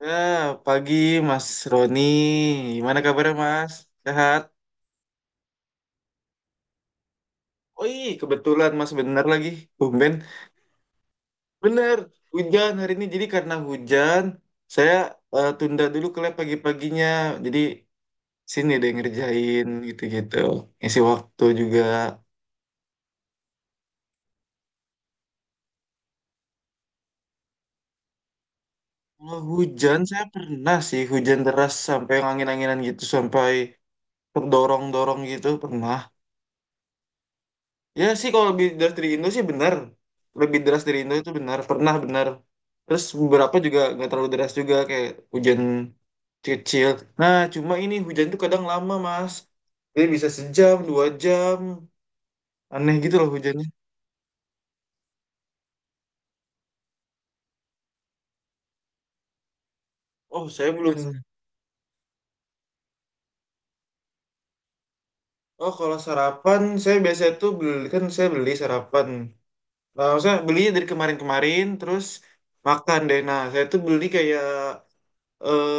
Nah, pagi Mas Roni. Gimana kabarnya Mas? Sehat? Oi, kebetulan Mas bener lagi. Tumben. Bener, hujan hari ini. Jadi karena hujan, saya tunda dulu ke lab pagi-paginya. Jadi sini deh ngerjain gitu-gitu. Ngisi waktu juga. Kalau hujan, saya pernah sih hujan deras sampai yang angin-anginan gitu. Sampai terdorong-dorong gitu, pernah. Ya sih kalau lebih deras dari Indo sih benar. Lebih deras dari Indo itu benar. Pernah benar. Terus beberapa juga nggak terlalu deras juga kayak hujan kecil. Nah cuma ini hujan tuh kadang lama mas. Jadi bisa sejam, 2 jam. Aneh gitu loh hujannya. Oh saya belum. Oh kalau sarapan saya biasa tuh beli kan saya beli sarapan. Nah, saya beli dari kemarin-kemarin terus makan deh. Nah saya tuh beli kayak eh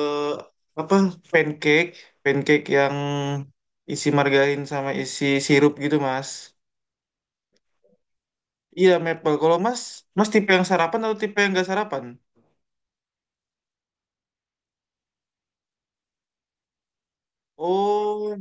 apa pancake, pancake yang isi margarin sama isi sirup gitu, Mas. Iya, maple. Kalau Mas, Mas tipe yang sarapan atau tipe yang gak sarapan? Oh,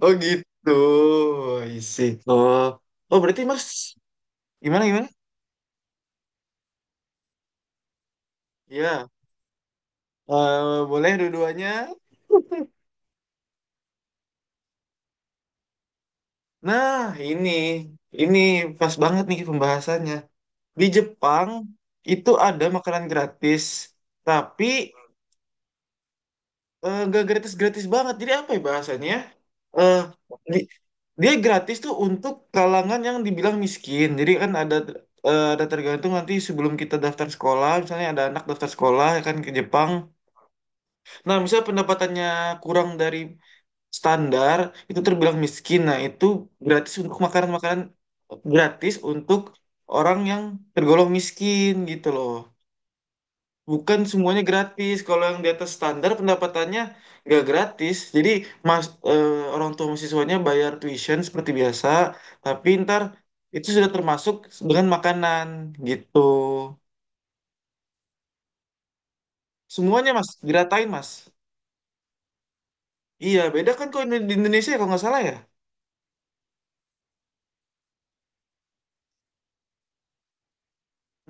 oh gitu. Isi. Oh, oh berarti Mas gimana gimana? Iya, eh, boleh dua-duanya. Nah, ini ini pas banget nih pembahasannya. Di Jepang itu ada makanan gratis, tapi nggak gratis-gratis banget. Jadi apa ya bahasanya? Ya? Eh, di- dia gratis tuh untuk kalangan yang dibilang miskin. Jadi kan ada ada tergantung nanti sebelum kita daftar sekolah, misalnya ada anak daftar sekolah ya kan ke Jepang. Nah, misalnya pendapatannya kurang dari standar, itu terbilang miskin. Nah, itu gratis untuk makanan-makanan gratis untuk orang yang tergolong miskin gitu loh. Bukan semuanya gratis. Kalau yang di atas standar pendapatannya nggak gratis. Jadi mas eh, orang tua mahasiswanya bayar tuition seperti biasa, tapi ntar itu sudah termasuk dengan makanan gitu. Semuanya mas diratain mas. Iya beda kan kalau di Indonesia ya, kalau nggak salah ya.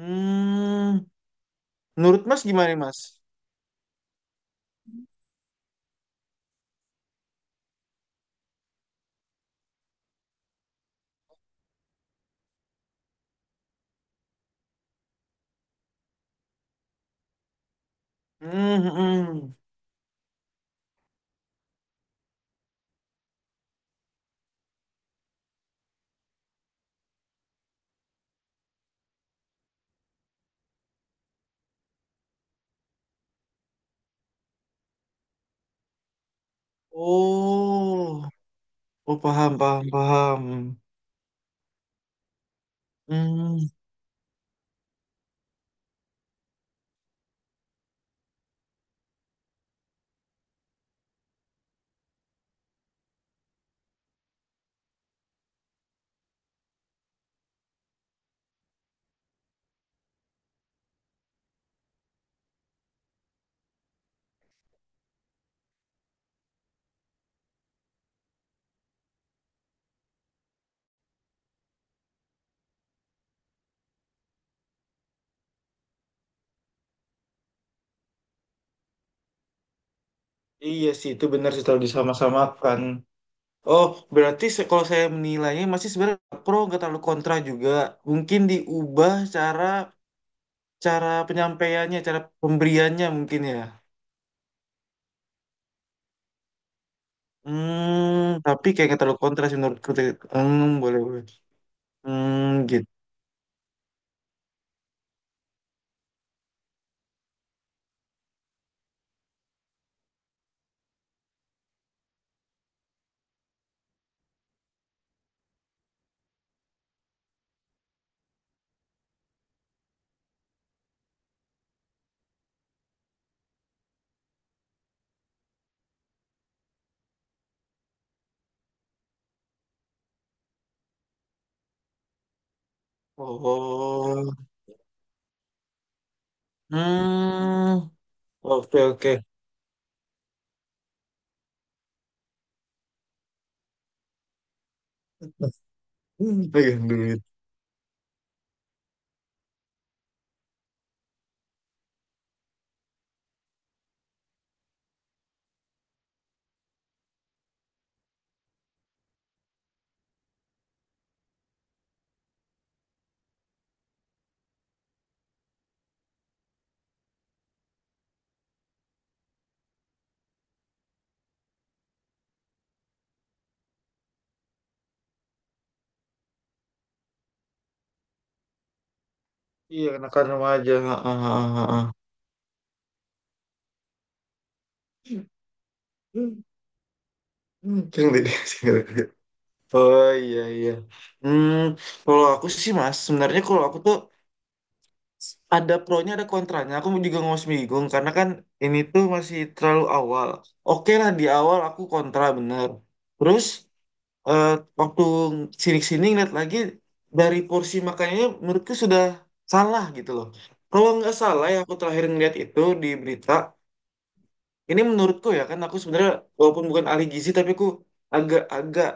Hmm, menurut mas gimana nih, mas? Hmm, hmm, hmm. Oh, oh paham paham paham. Hmm, iya sih itu benar sih kalau disama-samakan. Oh, berarti se- kalau saya menilainya masih sebenarnya nggak pro nggak terlalu kontra juga. Mungkin diubah cara cara penyampaiannya, cara pemberiannya mungkin ya. Hmm, tapi kayak nggak terlalu kontra sih menurutku. Hmm, boleh boleh. Hmm, gitu. Oh, hmm, oke oke. Hmm, pegang duit. Iya, anak-anak remaja. Ah, ah, ah, ah. Hmm, hmm, pegang duit. Oh iya iya. Hmm, kalau aku sih mas, sebenarnya kalau aku tuh ada pronya ada kontranya aku juga masih bingung karena kan ini tuh masih terlalu awal. Oke lah di awal aku kontra bener. Terus eh, waktu sini-sini ngeliat lagi dari porsi makanannya menurutku sudah salah gitu loh. Kalau nggak salah ya aku terakhir ngeliat itu di berita ini menurutku ya kan aku sebenarnya walaupun bukan ahli gizi tapi aku agak-agak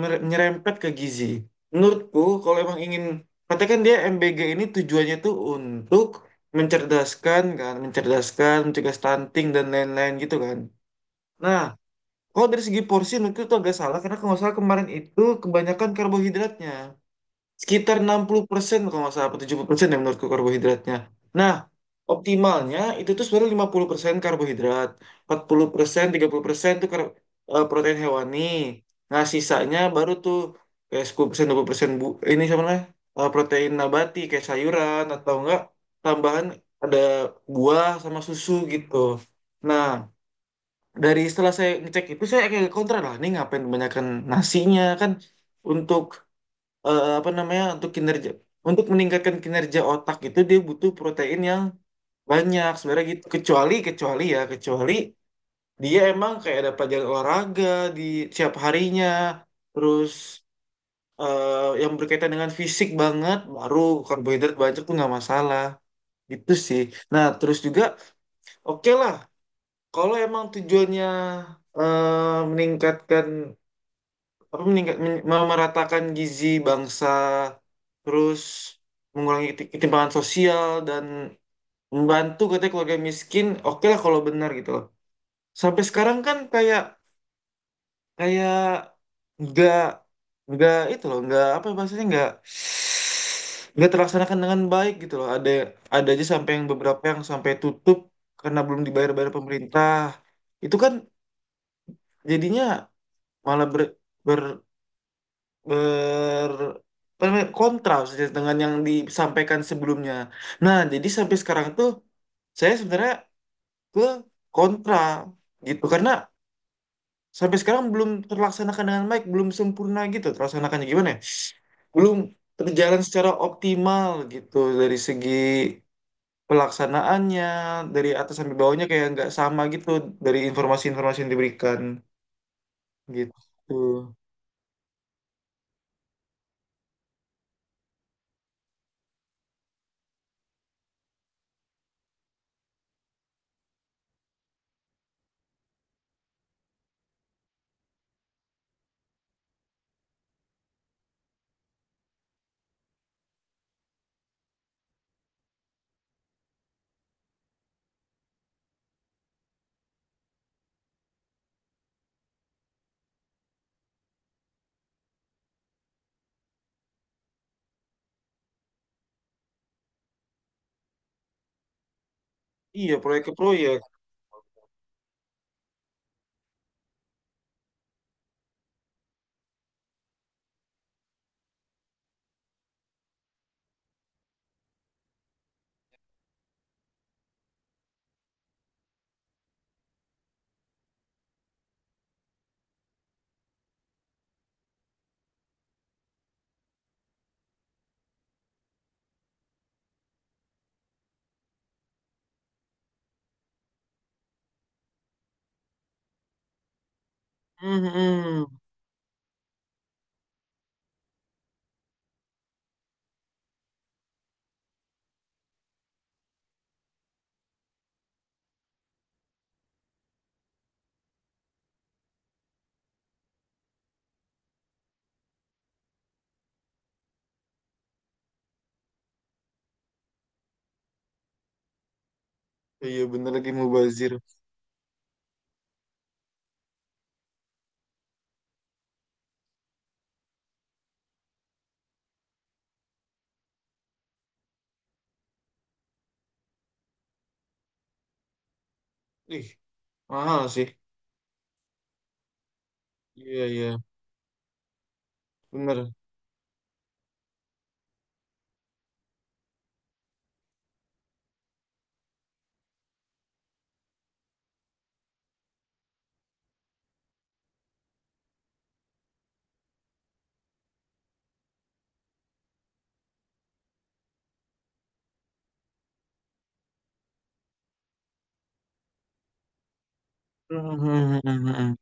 mere- nyerempet ke gizi. Menurutku kalau emang ingin katakan dia MBG ini tujuannya tuh untuk mencerdaskan kan, mencerdaskan, mencegah stunting dan lain-lain gitu kan. Nah, kalau dari segi porsi menurutku itu agak salah karena kalau nggak salah kemarin itu kebanyakan karbohidratnya sekitar 60% kalau nggak salah, atau 70% ya menurutku karbohidratnya. Nah, optimalnya itu tuh sebenarnya 50% karbohidrat, 40%, 30% tuh kar- protein hewani. Nah, sisanya baru tuh kayak 10%, 20% bu ini sama namanya, protein nabati kayak sayuran atau enggak tambahan ada buah sama susu gitu. Nah, dari setelah saya ngecek itu saya kayak kontra lah, ini ngapain kebanyakan nasinya kan untuk apa namanya untuk kinerja untuk meningkatkan kinerja otak itu dia butuh protein yang banyak sebenarnya gitu kecuali kecuali ya kecuali dia emang kayak ada pelajaran olahraga di setiap harinya terus yang berkaitan dengan fisik banget baru karbohidrat banyak tuh nggak masalah gitu sih. Nah terus juga oke lah kalau emang tujuannya meningkatkan apa meningkat men- memeratakan gizi bangsa terus mengurangi keti- ketimpangan sosial dan membantu katanya keluarga miskin oke lah kalau benar gitu loh. Sampai sekarang kan kayak kayak nggak nggak itu loh nggak apa bahasanya nggak terlaksanakan dengan baik gitu loh ada aja sampai yang beberapa yang sampai tutup karena belum dibayar-bayar pemerintah itu kan jadinya malah ber, ber- ber apa namanya, kontras ya, dengan yang disampaikan sebelumnya. Nah, jadi sampai sekarang tuh saya sebenarnya ke kontra gitu karena sampai sekarang belum terlaksanakan dengan baik, belum sempurna gitu terlaksanakannya gimana ya? Belum terjalan secara optimal gitu dari segi pelaksanaannya dari atas sampai bawahnya kayak nggak sama gitu dari informasi-informasi yang diberikan gitu. Iya, proyek ke proyek. Mhm. Iya bener lagi mubazir. Ih, mahal sih. Iya, iya. Bener. Hmm.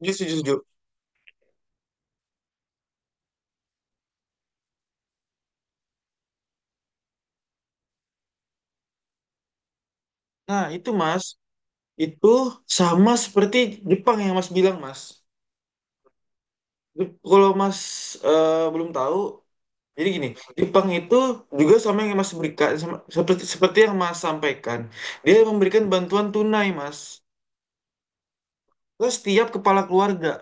Iya, setuju, setuju. Nah, itu Mas, itu sama seperti Jepang yang Mas bilang, Mas. Jep- kalau Mas belum tahu, jadi gini, Jepang itu juga sama yang Mas berikan, sama- seperti seperti yang Mas sampaikan. Dia memberikan bantuan tunai, Mas. Terus setiap kepala keluarga.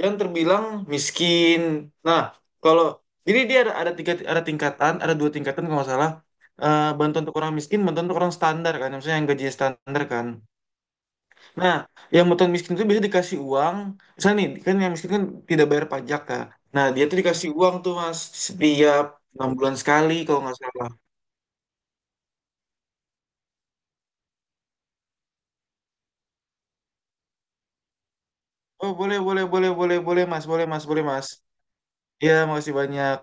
Yang terbilang miskin. Nah, kalau jadi dia ada tiga ada tingkatan, ada dua tingkatan kalau nggak salah. Eh, bantuan untuk orang miskin, bantuan untuk orang standar kan, maksudnya yang gajinya standar kan. Nah, yang bantuan miskin itu biasanya dikasih uang. Misalnya nih, kan yang miskin kan tidak bayar pajak kan. Nah, dia tuh dikasih uang tuh mas setiap 6 bulan sekali kalau nggak salah. Oh boleh boleh boleh boleh boleh mas, boleh mas boleh mas. Iya makasih banyak.